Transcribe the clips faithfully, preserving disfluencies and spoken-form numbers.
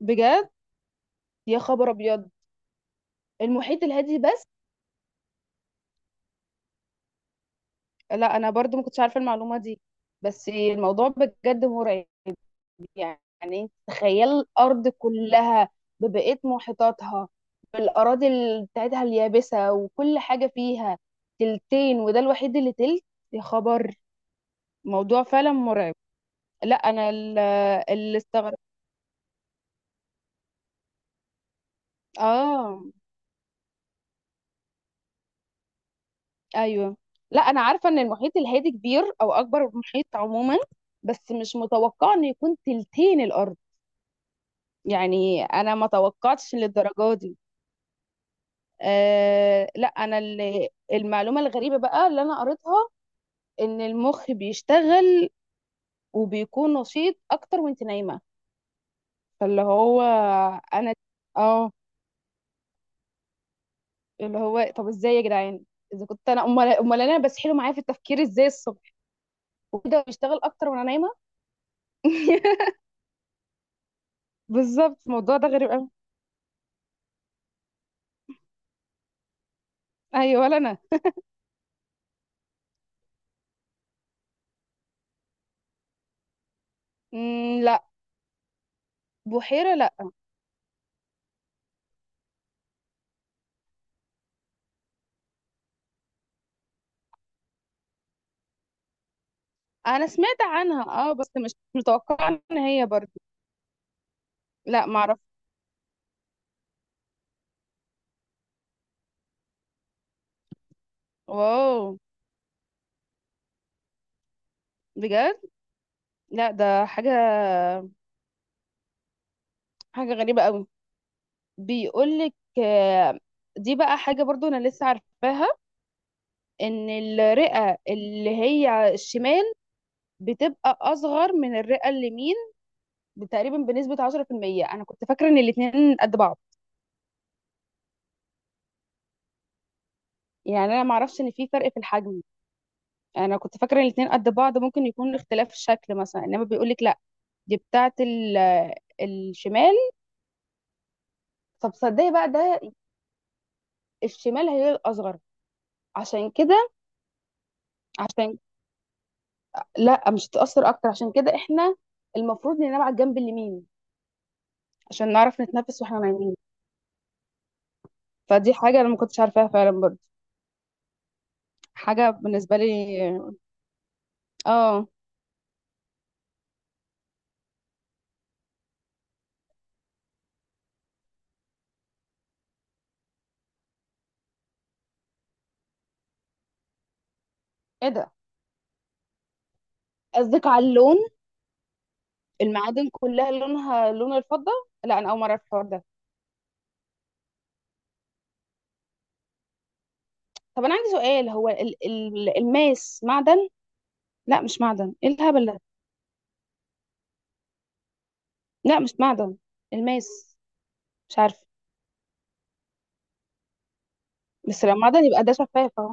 بجد؟ يا خبر ابيض. المحيط الهادي بس؟ لا، انا برضو ما كنتش عارفه المعلومه دي. بس الموضوع بجد مرعب. يعني انت تخيل الارض كلها ببقيه محيطاتها، بالاراضي ال- بتاعتها اليابسه وكل حاجه فيها تلتين، وده الوحيد اللي تلت. يا خبر. موضوع فعلا مرعب. لا انا ال- اللي استغرب. اه، ايوه. لا انا عارفه ان المحيط الهادي كبير، او اكبر محيط عموما، بس مش متوقعه انه يكون تلتين الارض. يعني انا ما توقعتش للدرجه دي. أه لا، انا اللي المعلومه الغريبه بقى اللي انا قريتها، ان المخ بيشتغل وبيكون نشيط اكتر وانت نايمه. فاللي هو، انا اه اللي هو طب ازاي يا جدعان؟ اذا كنت انا، امال امال انا بسحله معايا في التفكير ازاي الصبح، وده بيشتغل اكتر وانا نايمه. بالظبط، الموضوع ده غريب قوي. ايوه ولا انا. مم، لا. بحيرة؟ لا. انا سمعت عنها، اه، بس مش متوقعة ان هي برضو. لا معرف. واو، بجد. لا ده حاجة، حاجة غريبة قوي. بيقولك، آه، دي بقى حاجة برضو انا لسه عارفاها، ان الرئة اللي هي الشمال بتبقى اصغر من الرئة اليمين تقريبا بنسبة عشرة في المية. انا كنت فاكرة ان الاتنين قد بعض. يعني انا معرفش ان في فرق في الحجم. انا كنت فاكره الاتنين قد بعض، ممكن يكون اختلاف الشكل مثلا، انما بيقولك لا. دي بتاعه ال- آه، الشمال. طب صدقي بقى ده، الشمال هي الاصغر. عشان كده، عشان، لا مش هتتاثر اكتر. عشان كده احنا المفروض ننام على الجنب اليمين عشان نعرف نتنفس واحنا نايمين. فدي حاجه انا ما كنتش عارفاها فعلا برضه. حاجه بالنسبه لي، اه. ايه ده، قصدك على اللون؟ المعادن كلها لونها لون الفضه؟ لا انا اول مره اعرف الحوار ده. طب انا عندي سؤال، هو ال- ال- الماس معدن؟ لا مش معدن، ايه الهبل ده. لا مش معدن الماس. مش عارفه. بس لو معدن يبقى ده شفاف اهو.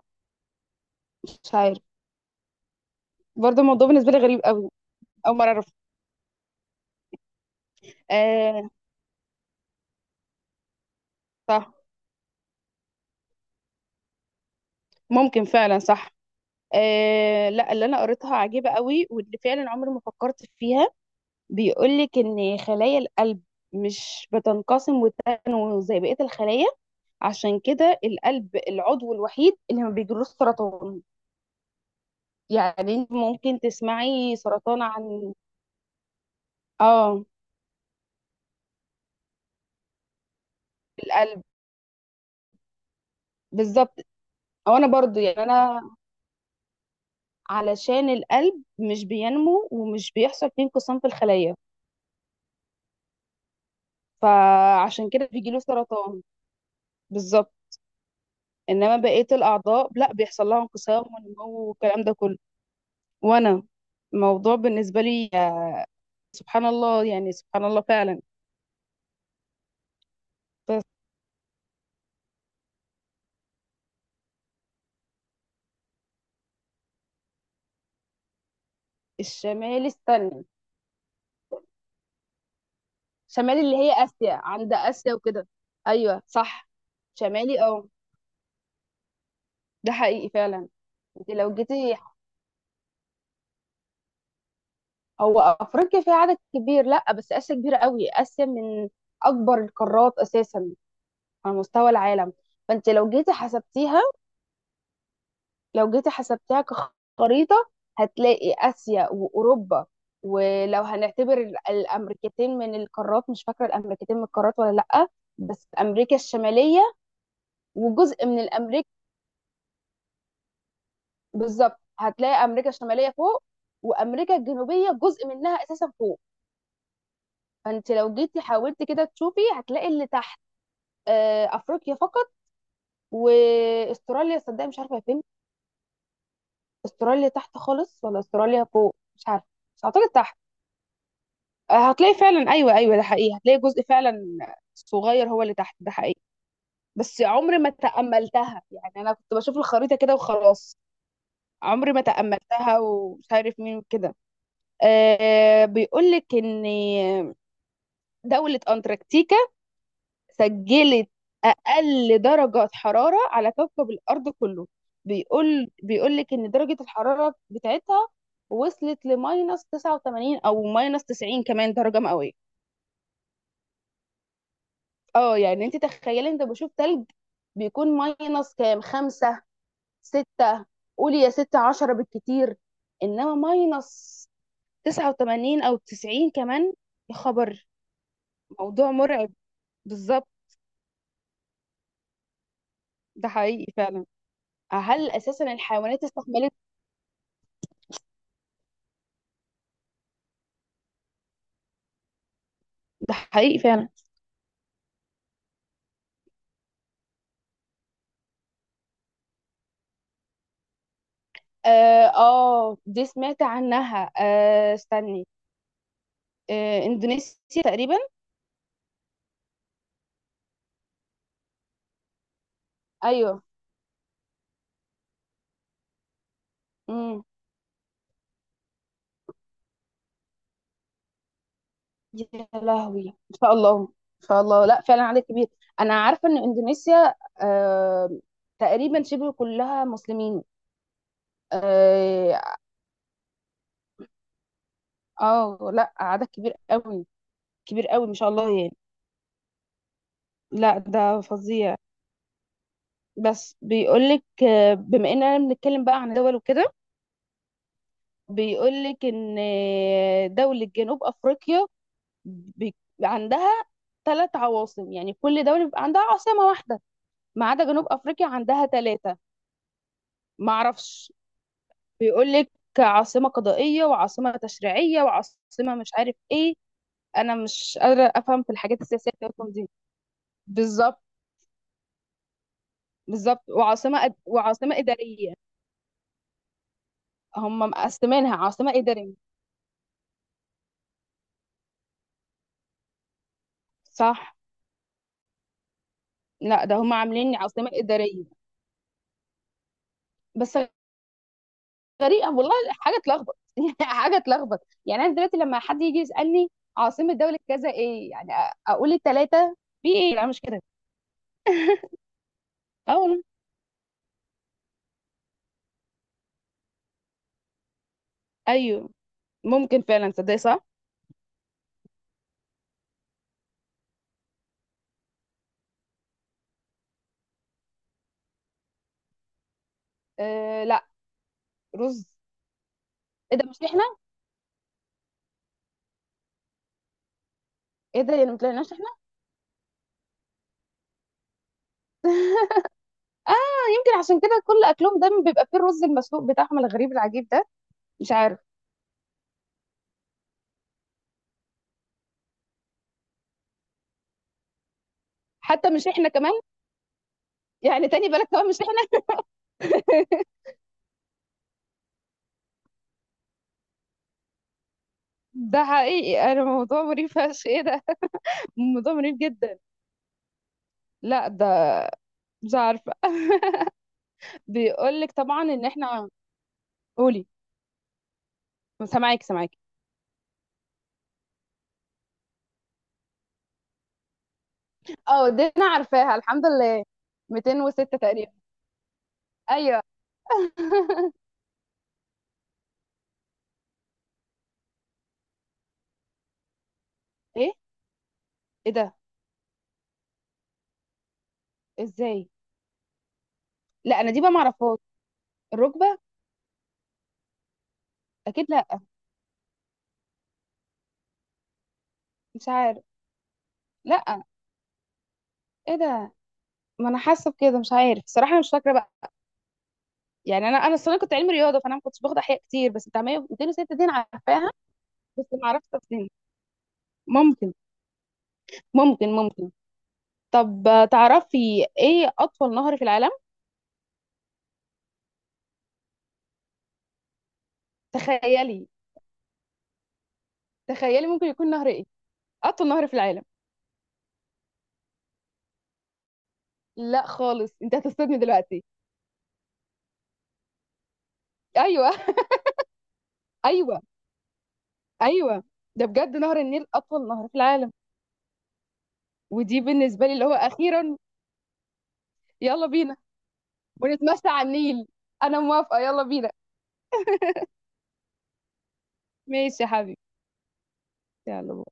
مش عارف. برضه الموضوع بالنسبه لي غريب قوي، اول مره اعرف. آه، صح. ممكن فعلا، صح. آه، لا اللي انا قريتها عجيبه قوي، واللي فعلا عمري ما فكرت فيها. بيقول لك ان خلايا القلب مش بتنقسم وتنمو زي بقيه الخلايا. عشان كده القلب العضو الوحيد اللي ما بيجيلوش سرطان. يعني انت ممكن تسمعي سرطان عن، اه، القلب. بالظبط. او انا برضو يعني انا، علشان القلب مش بينمو ومش بيحصل فيه انقسام في الخلية، فعشان كده بيجيله سرطان. بالظبط. انما بقية الاعضاء لا، بيحصل لها انقسام ونمو والكلام ده كله. وانا الموضوع بالنسبة لي سبحان الله، يعني سبحان الله فعلا. بس الشمال، استنى. شمال اللي هي اسيا، عند اسيا وكده. ايوه صح. شمالي، اه. ده حقيقي فعلا. انت لو جيتي، هو افريقيا فيها عدد كبير، لا، بس اسيا كبيره قوي. اسيا من اكبر القارات اساسا على مستوى العالم. فانت لو جيتي حسبتيها، لو جيتي حسبتيها كخريطه، هتلاقي اسيا واوروبا. ولو هنعتبر ال- الامريكتين من القارات، مش فاكره الامريكتين من القارات ولا لا، بس امريكا الشماليه وجزء من الامريكا. بالظبط، هتلاقي امريكا الشماليه فوق وامريكا الجنوبيه جزء منها اساسا فوق. فانت لو جيتي حاولتي كده تشوفي، هتلاقي اللي تحت آه، افريقيا فقط، واستراليا صدق مش عارفه هي فين. استراليا تحت خالص ولا استراليا فوق، مش عارفه. بس اعتقد تحت. آه، هتلاقي فعلا، ايوه ايوه، ده حقيقي. هتلاقي جزء فعلا صغير هو اللي تحت، ده حقيقي. بس عمري ما تأملتها. يعني انا كنت بشوف الخريطه كده وخلاص، عمري ما تأملتها، ومش عارف مين وكده. أه، بيقول لك ان دولة انتاركتيكا سجلت اقل درجه حراره على كوكب الارض كله. بيقول بيقول لك ان درجه الحراره بتاعتها وصلت لماينس تسعة وثمانين او ماينس تسعين كمان درجه مئويه. اه، يعني انت تخيلي، انت بشوف تلج بيكون ماينس كام، خمسة، ستة، قولي يا ستة عشرة بالكتير، انما ماينس تسعة وثمانين او تسعين كمان. يا خبر، موضوع مرعب. بالظبط. ده حقيقي فعلا. هل اساسا الحيوانات استحملت؟ ده حقيقي فعلا. اه. آه، دي سمعت عنها. آه، استني. آه، اندونيسيا تقريبا. ايوه. امم يا لهوي، ان شاء الله. ان شاء الله، لا فعلا عليك كبير. انا عارفه ان اندونيسيا، آه تقريبا شبه كلها مسلمين. اه. آه، لا عدد كبير قوي. كبير قوي ما شاء الله يعني. لا ده فظيع. بس بيقولك، آه، بما اننا بنتكلم بقى عن دول وكده، بيقولك ان آه، دولة جنوب افريقيا بي- عندها ثلاث عواصم. يعني كل دولة بيبقى عندها عاصمة واحدة، ما عدا جنوب أفريقيا عندها ثلاثة. ما أعرفش. بيقول لك عاصمة قضائية، وعاصمة تشريعية، وعاصمة مش عارف إيه. أنا مش قادرة أفهم في الحاجات السياسية بتاعتهم دي. بالظبط. بالظبط، وعاصمة أد... وعاصمة إدارية. هم مقسمينها عاصمة إدارية. صح. لا ده هم عاملين عاصمة إدارية بس. غريبه والله. حاجه تلخبط. يعني حاجه تلخبط. يعني انا دلوقتي لما حد يجي يسالني عاصمه دوله كذا ايه، يعني أ- اقول الثلاثه، في ايه، لا مش كده. اه والله. ايوه. ممكن فعلا، تصدق، صح. آه، لا. رز؟ ايه ده مش احنا؟ ايه ده، يعني ما طلعناش احنا؟ اه. يمكن عشان كده كل اكلهم دايما بيبقى فيه الرز المسلوق بتاعهم الغريب العجيب ده. مش عارف. حتى مش احنا كمان؟ يعني تاني بالك كمان مش احنا. ده حقيقي. انا موضوع مريب فشخ، ايه ده. موضوع مريب جدا. لا ده، مش عارفه. بيقول لك طبعا ان احنا. قولي. سامعاكي سامعاكي. اه دي انا عارفاها الحمد لله. ميتين وستة تقريبا. ايوه. ايه؟ ايه ده؟ ازاي؟ لا انا دي بقى معرفهاش، الركبه. اكيد لا. مش عارف. لا. ايه ده. ما انا حاسه بكده مش عارف الصراحه. أنا مش فاكره بقى. يعني انا انا الصراحه كنت علمي رياضه، فانا ما كنتش باخد احياء كتير، بس بتاع مية ميتين وستة دي انا عارفاها، بس ما اعرفش تفاصيلها. ممكن ممكن ممكن. طب، آه، تعرفي ايه اطول نهر في العالم؟ تخيلي، تخيلي ممكن يكون نهر ايه اطول نهر في العالم. لا خالص انت هتصدمني دلوقتي. ايوه، ايوه، ايوه، ده بجد نهر النيل اطول نهر في العالم. ودي بالنسبه لي اللي هو اخيرا. يلا بينا، ونتمشى على النيل. انا موافقه، يلا بينا. ماشي يا حبيبي. يلا.